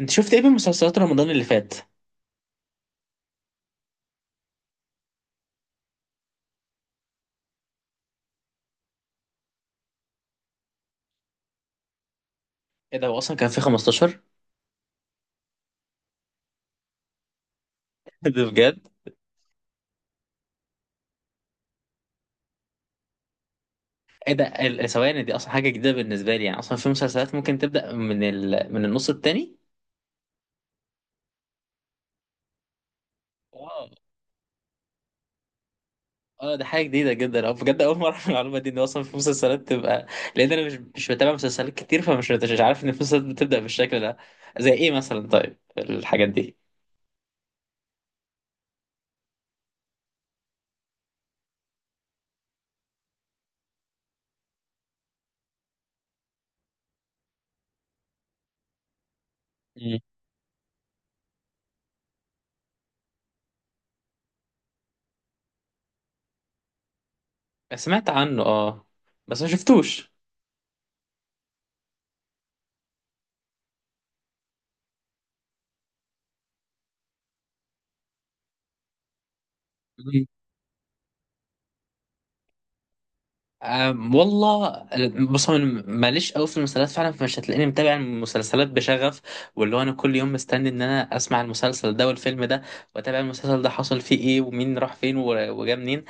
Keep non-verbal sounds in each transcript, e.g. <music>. انت شفت ايه من مسلسلات رمضان اللي فات؟ ايه ده، هو اصلا كان في 15؟ <laughs> ده بجد؟ ايه ده، ثواني دي اصلا حاجه جديده بالنسبه لي، يعني اصلا في مسلسلات ممكن تبدا من من النص التاني؟ اه. اه ده حاجه جديده جدا، اه بجد اول مره اعرف المعلومه دي، ان اصلا في مسلسلات تبقى، لان انا مش بتابع مسلسلات كتير، فمش مش عارف ان في مسلسلات بتبدا بالشكل ده. زي ايه مثلا طيب الحاجات دي؟ مم. سمعت عنه، اه، بس ما شفتوش. أم، والله، بص هو انا ماليش قوي في المسلسلات فعلا، فمش هتلاقيني متابع المسلسلات بشغف، واللي هو انا كل يوم مستني ان انا اسمع المسلسل ده والفيلم ده، واتابع المسلسل ده حصل فيه ايه، ومين راح فين وجا منين.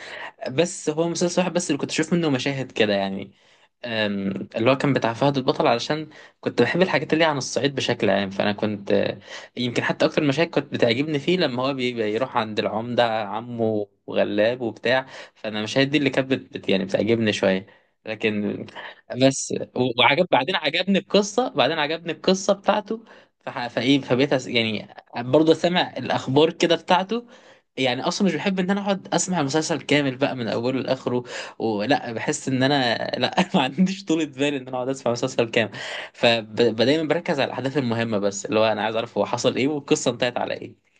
بس هو مسلسل واحد بس اللي كنت اشوف منه مشاهد كده يعني. أم، اللي هو كان بتاع فهد البطل، علشان كنت بحب الحاجات اللي هي عن الصعيد بشكل عام، فانا كنت آه، يمكن حتى اكتر المشاهد كنت بتعجبني فيه لما هو بيروح عند العمدة عمه وغلاب وبتاع. فانا المشاهد دي اللي كانت يعني بتعجبني شوية. لكن بس وعجب بعدين، عجبني القصة، بعدين عجبني القصة بتاعته. فح- فايه فبقيت يعني برضه سامع الاخبار كده بتاعته. يعني اصلا مش بحب ان انا اقعد اسمع المسلسل كامل بقى من اوله لاخره، ولا بحس ان انا لا <laughs> ما عنديش طولة بال ان انا اقعد اسمع مسلسل كامل. فدايما بركز على الاحداث المهمه بس، اللي هو انا عايز اعرف هو حصل ايه والقصه انتهت على ايه.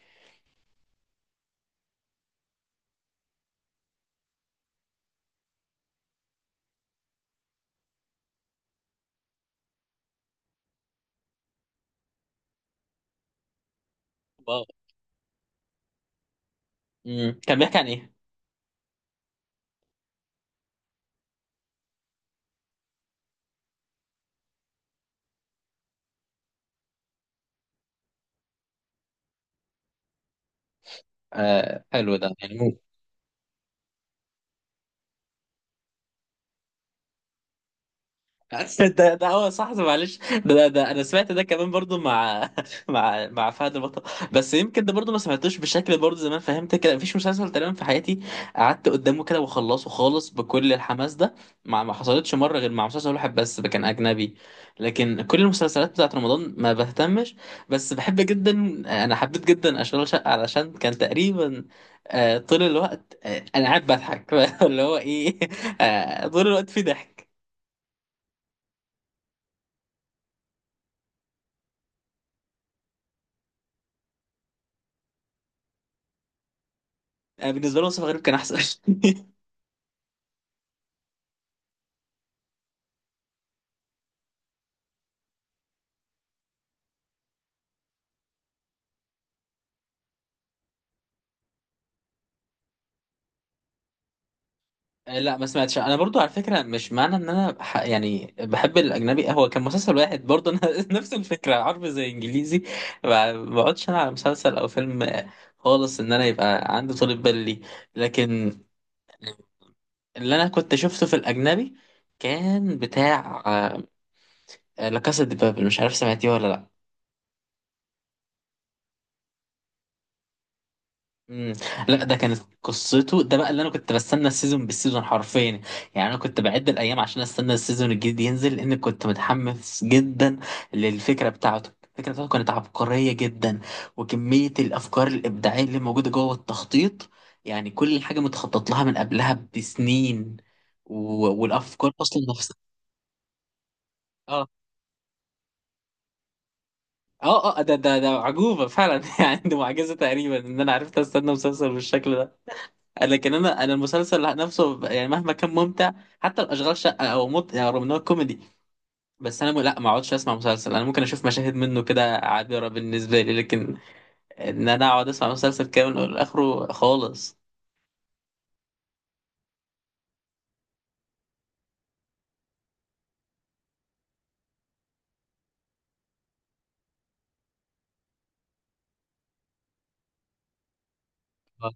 واو. مم. كان بيحكي عن ايه؟ آه حلو ده يعني. <laughs> ده ده هو صح معلش ده، انا سمعت ده كمان برضو مع <laughs> مع فهد البطل. بس يمكن ده برضو ما سمعتوش بشكل برضو، زمان فهمت كده مفيش مسلسل تقريبا في حياتي قعدت قدامه كده وخلصه خالص بكل الحماس ده، مع ما حصلتش مره غير مع مسلسل واحد بس ده كان اجنبي. لكن كل المسلسلات بتاعت رمضان ما بهتمش. بس بحب جدا، انا حبيت جدا اشغال شقه، علشان كان تقريبا آه، طول الوقت آه، انا قاعد بضحك. <laughs> اللي هو ايه، آه، طول الوقت في ضحك. أنا بالنسبة لي مصطفى غريب كان أحسن. <laughs> آه، لا ما سمعتش أنا، برضو على فكرة مش معنى إن أنا يعني بحب الأجنبي، هو كان مسلسل واحد برضو أنا. <laughs> نفس الفكرة عربي زي إنجليزي، ما بقعدش أنا على مسلسل أو فيلم آه، خالص، إن أنا يبقى عندي طولة بال ليه. لكن اللي أنا كنت شفته في الأجنبي كان بتاع آه، لا كاسا دي بابل، مش عارف سمعتيه ولا لأ. مم. لا ده كانت قصته، ده بقى اللي انا كنت بستنى السيزون بالسيزون حرفيا. يعني انا كنت بعد الايام عشان استنى السيزون الجديد ينزل، لان كنت متحمس جدا للفكره بتاعته. الفكره بتاعته كانت عبقريه جدا، وكميه الافكار الابداعيه اللي موجوده جوه التخطيط، يعني كل حاجه متخطط لها من قبلها بسنين، و... والافكار اصلا نفسها. اه. اه اه، ده عجوبه فعلا. <laughs> يعني دي معجزه تقريبا ان انا عرفت استنى مسلسل بالشكل ده. لكن انا المسلسل نفسه يعني مهما كان ممتع، حتى الاشغال شقه يعني رغم ان هو كوميدي، بس انا لا ما اقعدش اسمع مسلسل، انا ممكن اشوف مشاهد منه كده عابره بالنسبه لي، لكن ان انا اقعد اسمع مسلسل كامل لاخره خالص. <laughs> آه.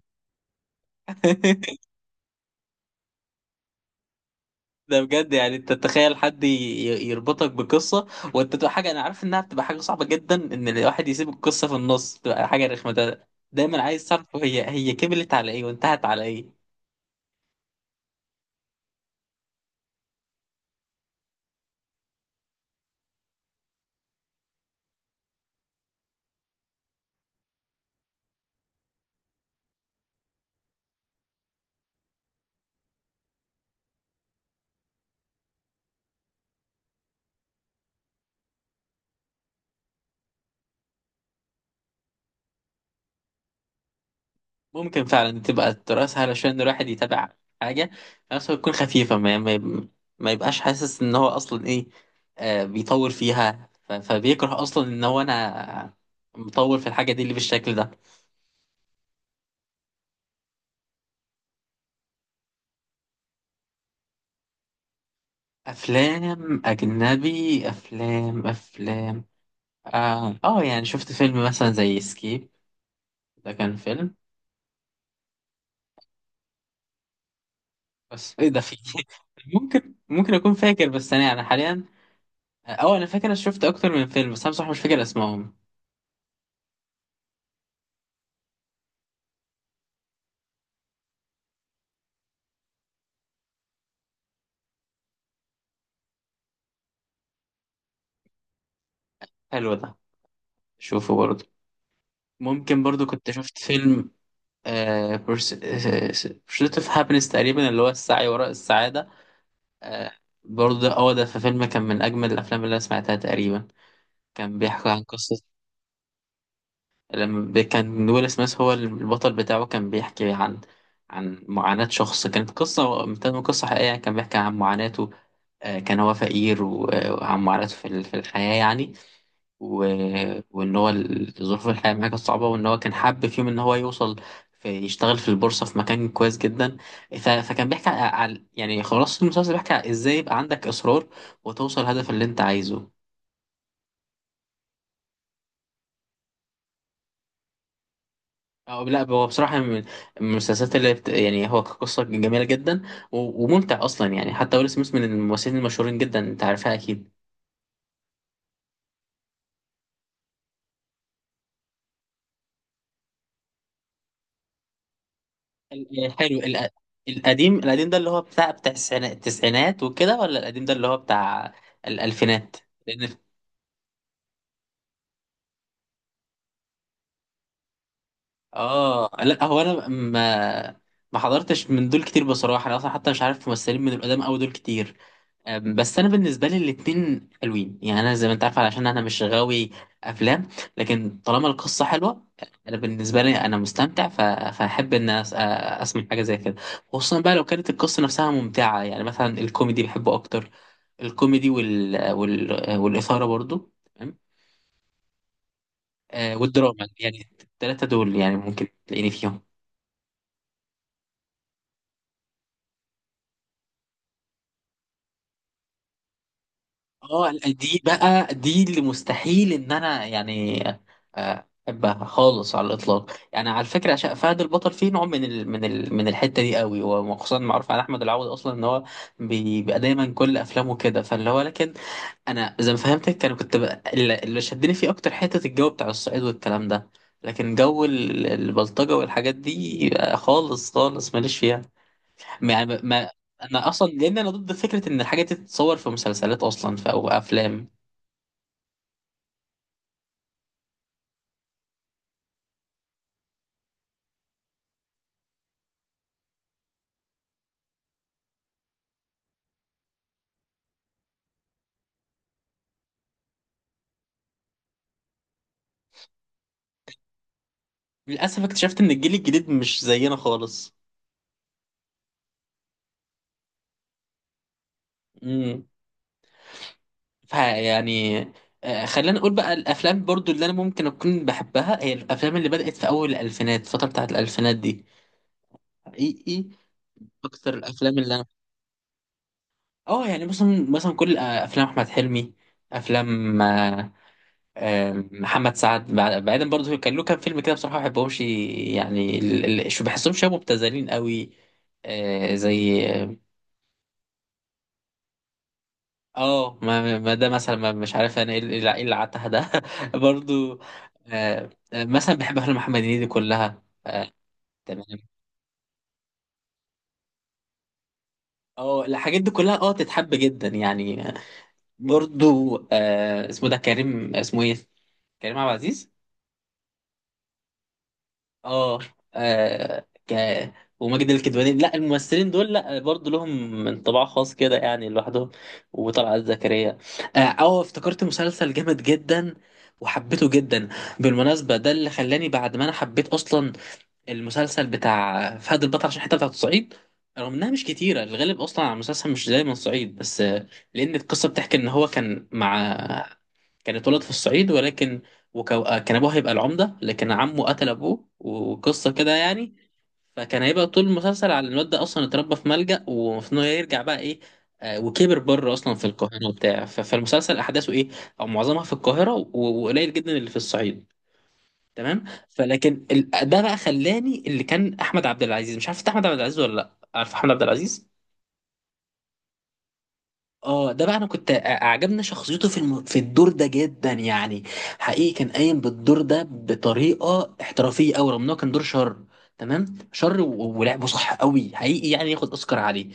ده بجد، يعني انت تتخيل حد يربطك بقصه وانت تبقى حاجه، انا عارف انها بتبقى حاجه صعبه جدا ان الواحد يسيب القصه في النص، بتبقى حاجه رخمه، ده دايما عايز تعرف هي كملت على ايه وانتهت على ايه. ممكن فعلا تبقى الدراسة علشان الواحد يتابع حاجة، بس تكون خفيفة، ما يبقاش حاسس إن هو أصلا إيه آه بيطور فيها، فبيكره أصلا إن هو أنا مطور في الحاجة دي اللي بالشكل ده. أفلام أجنبي، أفلام آه، يعني شفت فيلم مثلا زي سكيب، ده كان فيلم، بس إيه ده في. <laughs> ممكن أكون فاكر، بس أنا يعني حاليا أه أنا فاكر، أنا شفت أكتر من فيلم بس أنا بصراحة مش فاكر أسمائهم. حلو ده، شوفوا برضه. ممكن برضو كنت شفت فيلم بورسيت اوف هابينس تقريبا، اللي هو السعي وراء السعادة. آه، برضو ده- هو ده في فيلم كان من أجمل الأفلام اللي أنا سمعتها تقريبا. كان بيحكي عن قصة لما كان ويل سميث هو البطل بتاعه، كان بيحكي عن عن معاناة شخص، كانت قصة متن قصة حقيقية يعني، كان بيحكي عن معاناته. آه، كان هو فقير آه، وعن معاناته في في الحياة يعني. و... وإن هو ظروف الحياة معاه كانت صعبة، وإن هو كان حابب فيهم إن هو يوصل، في يشتغل في البورصة في مكان كويس جدا. فكان بيحكي على، يعني خلاص المسلسل بيحكي على إزاي يبقى عندك إصرار وتوصل الهدف اللي أنت عايزه. أو لا هو بصراحة من المسلسلات يعني هو كقصة جميلة جدا، و... وممتع أصلا يعني، حتى ويل سميث من الممثلين المشهورين جدا، أنت عارفها أكيد. ال- حلو ال... القديم، القديم ده اللي هو بتاع بتاع التسعينات وكده، ولا القديم ده اللي هو بتاع الألفينات؟ لأن آه لا هو أنا ما حضرتش من دول كتير بصراحة، أنا أصلا حتى مش عارف ممثلين من القدام أوي دول كتير. أم، بس انا بالنسبه لي الاتنين حلوين يعني، انا زي ما انت عارف علشان انا مش غاوي افلام، لكن طالما القصه حلوه انا بالنسبه لي انا مستمتع، فاحب ان اسمع حاجه زي كده. خصوصا بقى لو كانت القصه نفسها ممتعه، يعني مثلا الكوميدي بحبه اكتر، الكوميدي والاثاره برضو تمام، آه، والدراما يعني الثلاثه دول يعني ممكن تلاقيني فيهم. اه دي بقى دي اللي مستحيل ان انا يعني آه، احبها خالص على الاطلاق، يعني على فكره عشان فهد البطل فيه نوع من ال من ال من الحته دي قوي، وخصوصا معروف على احمد العوضي اصلا ان هو بيبقى دايما كل افلامه كده، فاللي هو لكن انا زي ما فهمتك، انا كنت بقى اللي شدني فيه اكتر حته الجو بتاع الصعيد والكلام ده. لكن جو البلطجه والحاجات دي آه، خالص خالص ماليش فيها يعني، انا اصلا لان انا ضد فكره ان الحاجات دي تتصور في مسلسلات اصلا او افلام. للأسف اكتشفت إن الجيل الجديد مش زينا خالص. امم. فيعني آه، خلينا نقول بقى، الأفلام برضو اللي أنا ممكن أكون بحبها هي الأفلام اللي بدأت في أول الألفينات، الفترة بتاعت الألفينات دي حقيقي. أكتر الأفلام اللي أنا أه يعني مثلا كل آه، أفلام أحمد حلمي، أفلام آه، آه، محمد سعد بعيدا برضو كان له كام فيلم كده بصراحة ما بحبهمش يعني، شو بحسهم شبه مبتذلين قوي، آه، زي اه ما ده مثلا ما مش عارف انا ايه اللي إيه اللي عتها ده. <laughs> برضو آه آه، مثلا بحب افلام محمد هنيدي كلها. تمام. اه الحاجات دي كلها اه تتحب جدا يعني آه، برضو آه اسمه ده كريم اسمه ايه، كريم عبد العزيز. اه آه، ك وماجد الكدواني، لا الممثلين دول لا برضه لهم انطباع خاص كده يعني لوحدهم، وطلعت زكريا. اه أه، افتكرت مسلسل جامد جدا وحبيته جدا، بالمناسبة ده اللي خلاني بعد ما انا حبيت اصلا المسلسل بتاع فهد البطل عشان الحتة بتاعت الصعيد، رغم انها مش كتيرة، الغالب اصلا على المسلسل مش دايما صعيد بس آه، لان القصة بتحكي ان هو كان مع، كان اتولد في الصعيد ولكن آه، كان ابوه هيبقى العمده، لكن عمه قتل ابوه وقصه كده يعني. فكان هيبقى طول المسلسل على الواد ده، اصلا اتربى في ملجأ ومفروض انه يرجع بقى ايه، آه، وكبر بره اصلا في القاهره وبتاع، فالمسلسل احداثه ايه او معظمها في القاهره وقليل جدا اللي في الصعيد. تمام. فلكن ده بقى خلاني، اللي كان احمد عبد العزيز، مش عارف إنت احمد عبد العزيز ولا لا، عارف احمد عبد العزيز. اه ده بقى انا كنت عجبني شخصيته في الدور ده جدا يعني. حقيقي كان قايم بالدور ده بطريقه احترافيه قوي، رغم انه كان دور شر، تمام، شر و... ولعبه صح قوي حقيقي، يعني ياخد اوسكار عليه.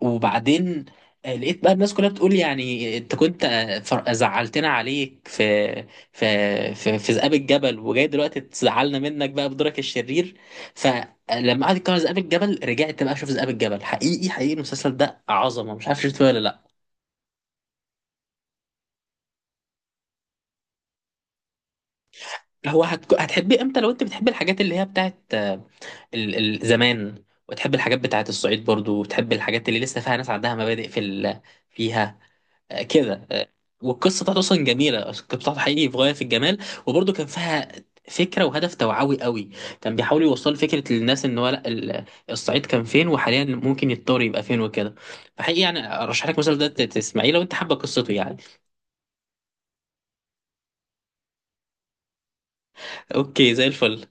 وبعدين آه، لقيت بقى الناس كلها بتقول يعني انت كنت آه، زعلتنا عليك في في ذئاب الجبل وجاي دلوقتي تزعلنا منك بقى بدورك الشرير. فلما قعد يتكلم عن ذئاب الجبل رجعت بقى اشوف ذئاب الجبل، حقيقي حقيقي المسلسل ده عظمه، مش عارف شفته ولا لا. هتحبيه امتى لو انت بتحبي الحاجات اللي هي بتاعت آه، ال- زمان، وتحبي الحاجات بتاعت الصعيد برضو، وتحبي الحاجات اللي لسه فيها ناس عندها مبادئ في فيها آه، كده آه، والقصه بتاعته اصلا جميله، القصه بتاعته حقيقي في غايه في الجمال. وبرضو كان فيها فكره وهدف توعوي قوي، كان بيحاول يوصل فكره للناس ان هو لا الصعيد كان فين وحاليا ممكن يتطور يبقى فين وكده. فحقيقي يعني ارشح لك مثلا ده تسمعيه لو انت حابه قصته يعني. اوكي، زي الفل.